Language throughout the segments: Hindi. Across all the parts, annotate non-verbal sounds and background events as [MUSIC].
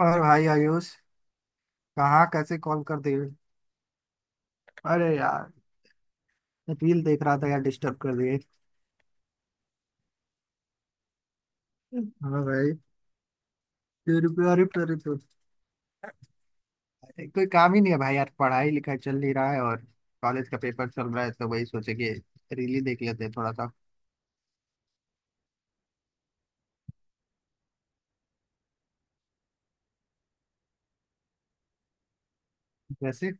और भाई आयुष, कहाँ कैसे कॉल कर दिए? अरे यार, रील देख रहा था यार, डिस्टर्ब कर दिए। हाँ भाई। तेरे पे, अरे तेरे पे। कोई काम ही नहीं है भाई यार, पढ़ाई लिखाई चल नहीं रहा है, और कॉलेज का पेपर चल रहा है, तो वही सोचे कि रील ही देख लेते हैं थोड़ा सा। वैसे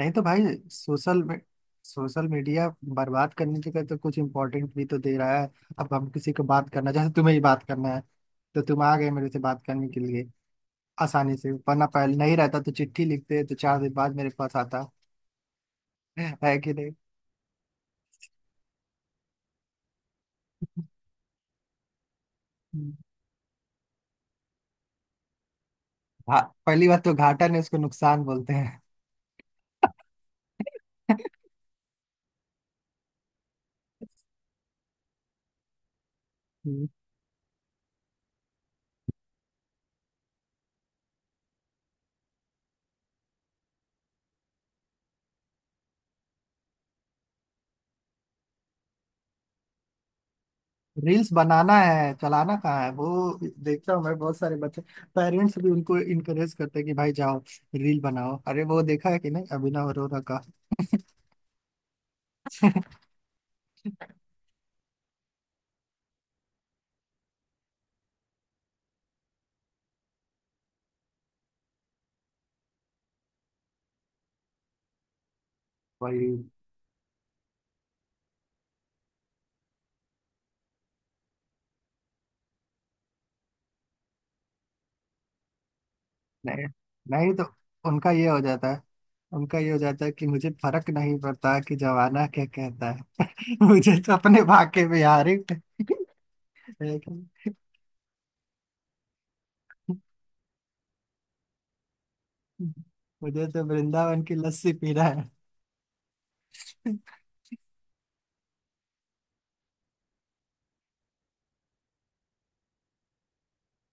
नहीं तो भाई, सोशल में सोशल मीडिया बर्बाद करने की तो कुछ इम्पोर्टेंट भी तो दे रहा है। अब हम किसी को बात करना, जैसे तुम्हें ही बात करना है, तो तुम आ गए मेरे से बात करने के लिए आसानी से, वरना पहले नहीं रहता तो चिट्ठी लिखते तो चार दिन बाद मेरे पास आता। है कि नहीं? हम्म। पहली बात तो घाटा ने, उसको नुकसान बोलते हैं। हम्म। रील्स बनाना है, चलाना कहाँ है वो। देखता हूँ मैं, बहुत सारे बच्चे पेरेंट्स भी उनको इनकरेज करते हैं कि भाई जाओ रील बनाओ। अरे वो देखा है कि नहीं, अभिनव अरोरा का? [LAUGHS] भाई नहीं नहीं, तो उनका ये हो जाता है, कि मुझे फर्क नहीं पड़ता कि जमाना क्या कहता है, [LAUGHS] मुझे तो अपने भाग्य में यार। लेकिन मुझे तो वृंदावन की लस्सी पीना है। [LAUGHS]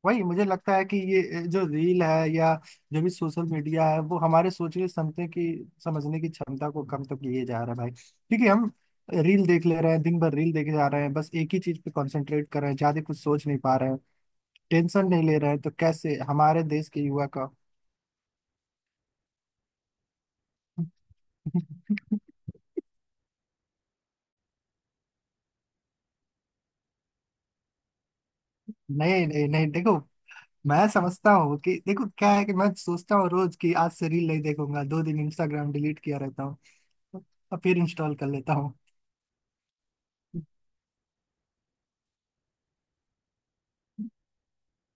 वही, मुझे लगता है कि ये जो रील है या जो भी सोशल मीडिया है, वो हमारे सोचने क्षमता की, समझने की क्षमता को कम तो किए जा रहा है भाई। क्योंकि हम रील देख ले रहे हैं, दिन भर रील देखे जा रहे हैं, बस एक ही चीज पे कंसंट्रेट कर रहे हैं, ज्यादा कुछ सोच नहीं पा रहे हैं, टेंशन नहीं ले रहे हैं, तो कैसे हमारे देश के युवा का। [LAUGHS] नहीं नहीं नहीं देखो, मैं समझता हूँ कि देखो क्या है कि मैं सोचता हूँ रोज कि आज से रील नहीं देखूंगा, दो दिन इंस्टाग्राम डिलीट किया रहता हूँ और फिर इंस्टॉल कर लेता हूँ।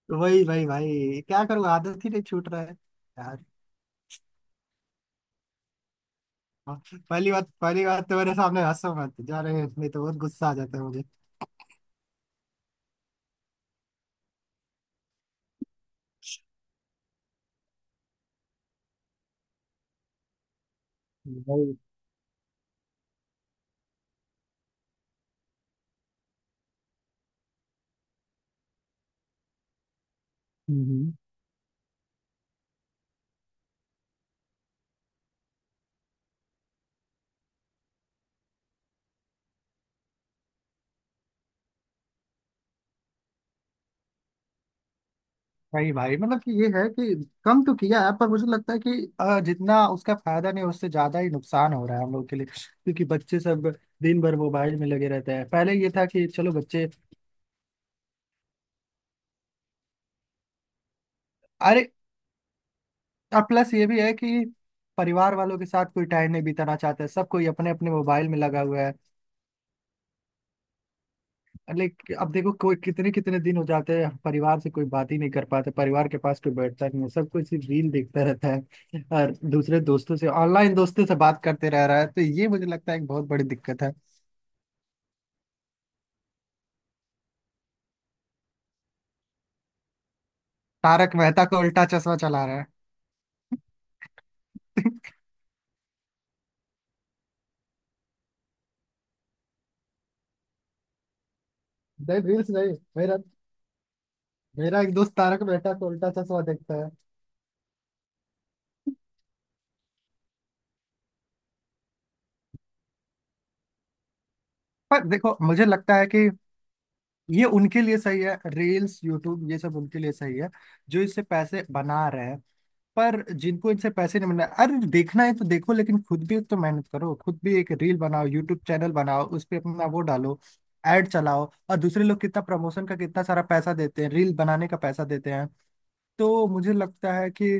तो वही भाई भाई, क्या करूँ, आदत ही नहीं छूट रहा है यार। हाँ, पहली बात, तो मेरे सामने हंसो मत जा रहे हैं, नहीं तो बहुत गुस्सा आ जाता है मुझे भाई। हम्म। भाई, मतलब कि ये है कि कम तो किया है, पर मुझे लगता है कि जितना उसका फायदा नहीं, उससे ज्यादा ही नुकसान हो रहा है हम लोग के लिए। क्योंकि बच्चे सब दिन भर मोबाइल में लगे रहते हैं, पहले ये था कि चलो बच्चे। अरे, और प्लस ये भी है कि परिवार वालों के साथ कोई टाइम नहीं बिताना चाहता है, सब कोई अपने अपने मोबाइल में लगा हुआ है। लेकिन अब देखो, कोई कितने कितने दिन हो जाते हैं परिवार से कोई बात ही नहीं कर पाते, परिवार के पास कोई बैठता नहीं है, सब कोई सिर्फ रील देखता रहता है, और दूसरे दोस्तों से, ऑनलाइन दोस्तों से बात करते रह रहा है, तो ये मुझे लगता है एक बहुत बड़ी दिक्कत है। तारक मेहता को उल्टा चश्मा चला रहा है। [LAUGHS] नहीं, रील्स नहीं, मेरा, मेरा एक दोस्त तारक मेहता को उल्टा चश्मा देखता है। पर देखो, मुझे लगता है कि ये उनके लिए सही है, रील्स यूट्यूब ये सब उनके लिए सही है जो इससे पैसे बना रहे हैं। पर जिनको इनसे पैसे नहीं मिल रहे, अरे देखना है तो देखो, लेकिन खुद भी तो मेहनत करो, खुद भी एक रील बनाओ, यूट्यूब चैनल बनाओ, उस पर अपना वो डालो, एड चलाओ, और दूसरे लोग कितना प्रमोशन का कितना सारा पैसा देते हैं, रील बनाने का पैसा देते हैं। तो मुझे लगता है कि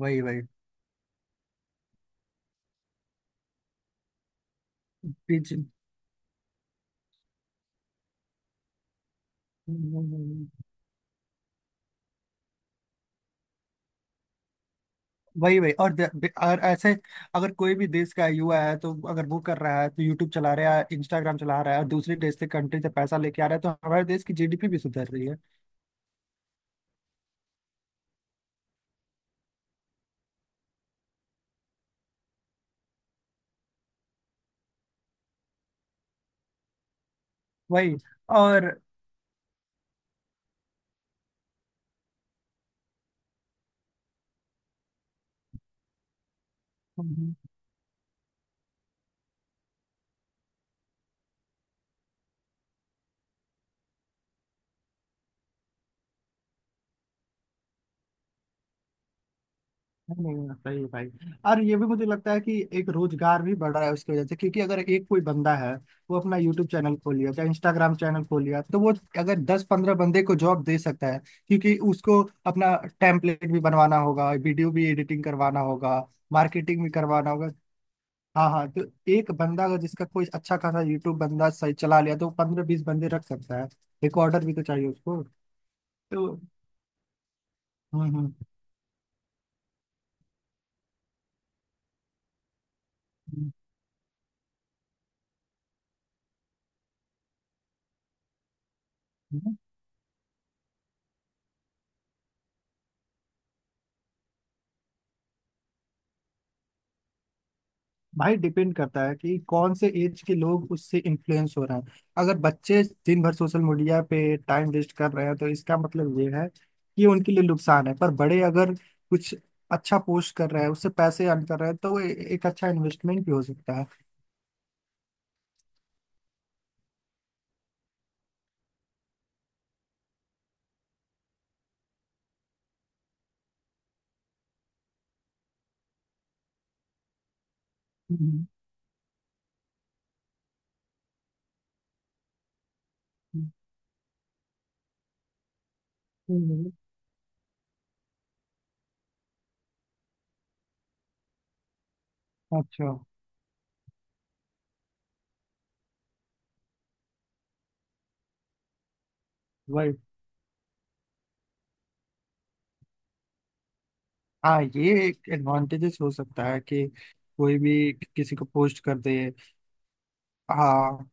वही वही। बीच- वही, और और ऐसे, अगर कोई भी देश का युवा है तो, अगर वो कर रहा है तो, यूट्यूब चला रहा है, इंस्टाग्राम चला रहा है, और दूसरे देश से, कंट्री से पैसा लेके आ रहा है, तो हमारे देश की जीडीपी भी सुधर रही है। वही। और हम्म, नहीं, नहीं, सही है भाई। और ये भी मुझे लगता है कि एक रोजगार भी बढ़ रहा है उसकी वजह से। क्योंकि अगर एक कोई बंदा है, वो अपना यूट्यूब चैनल खोल लिया, चाहे इंस्टाग्राम चैनल खोल लिया, तो वो अगर दस पंद्रह बंदे को जॉब दे सकता है, क्योंकि उसको अपना टेम्पलेट भी बनवाना होगा, वीडियो भी एडिटिंग करवाना होगा, मार्केटिंग भी करवाना होगा। हाँ हाँ, तो एक बंदा अगर, जिसका कोई अच्छा खासा यूट्यूब बंदा सही चला लिया, तो पंद्रह बीस बंदे रख सकता है, रिकॉर्डर भी तो चाहिए उसको। तो हम्म, हम्म, हम्म। भाई डिपेंड करता है कि कौन से एज के लोग उससे इन्फ्लुएंस हो रहे हैं। अगर बच्चे दिन भर सोशल मीडिया पे टाइम वेस्ट कर रहे हैं, तो इसका मतलब ये है कि उनके लिए नुकसान है। पर बड़े अगर कुछ अच्छा पोस्ट कर रहे हैं, उससे पैसे अर्न कर रहे हैं, तो वो एक अच्छा इन्वेस्टमेंट भी हो सकता है। हम्म, हम्म, हम्म, अच्छा। वही। हाँ, ये एक एडवांटेजेस हो सकता है कि कोई भी किसी को पोस्ट कर दे। हाँ।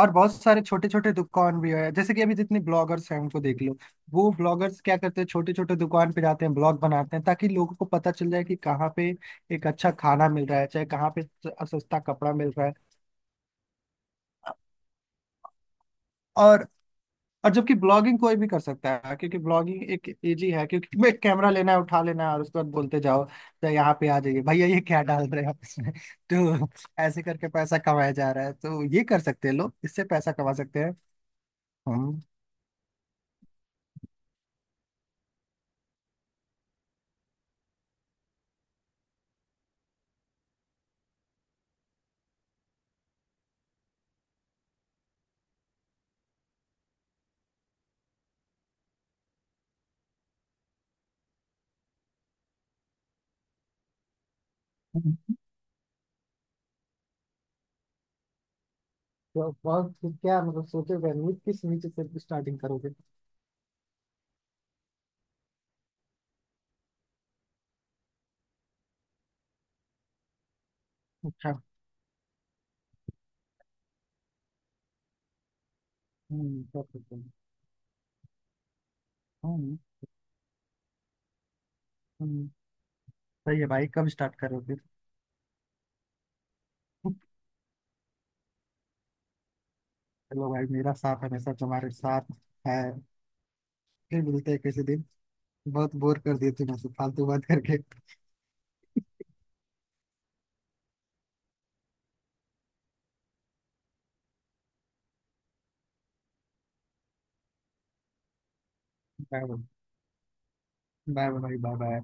और बहुत सारे छोटे छोटे दुकान भी है, जैसे कि अभी जितने ब्लॉगर्स हैं उनको देख लो, वो ब्लॉगर्स क्या करते हैं, छोटे छोटे दुकान पे जाते हैं, ब्लॉग बनाते हैं, ताकि लोगों को पता चल जाए कि कहाँ पे एक अच्छा खाना मिल रहा है, चाहे कहाँ पे सस्ता कपड़ा मिल रहा है। और, जबकि ब्लॉगिंग कोई भी कर सकता है, क्योंकि ब्लॉगिंग एक इजी है, क्योंकि [LAUGHS] मैं कैमरा लेना है, उठा लेना है, और उसके बाद बोलते जाओ तो यहाँ पे आ जाइए भैया, ये क्या डाल रहे हैं आप इसमें, [LAUGHS] तो ऐसे करके पैसा कमाया जा रहा है, तो ये कर सकते हैं, लोग इससे पैसा कमा सकते हैं। हम। तो बहुत क्या मतलब सोचे हुए हैं, किस नीचे से स्टार्टिंग करोगे? अच्छा, हम्म, कर सकते हैं। हम्म, हम्म, सही है भाई, कब स्टार्ट करोगे? [LAUGHS] चलो भाई, मेरा साथ हमेशा तुम्हारे साथ है। फिर मिलते हैं किसी दिन, बहुत बोर कर दिए तुम ऐसे फालतू बात करके। Bye, bye bye.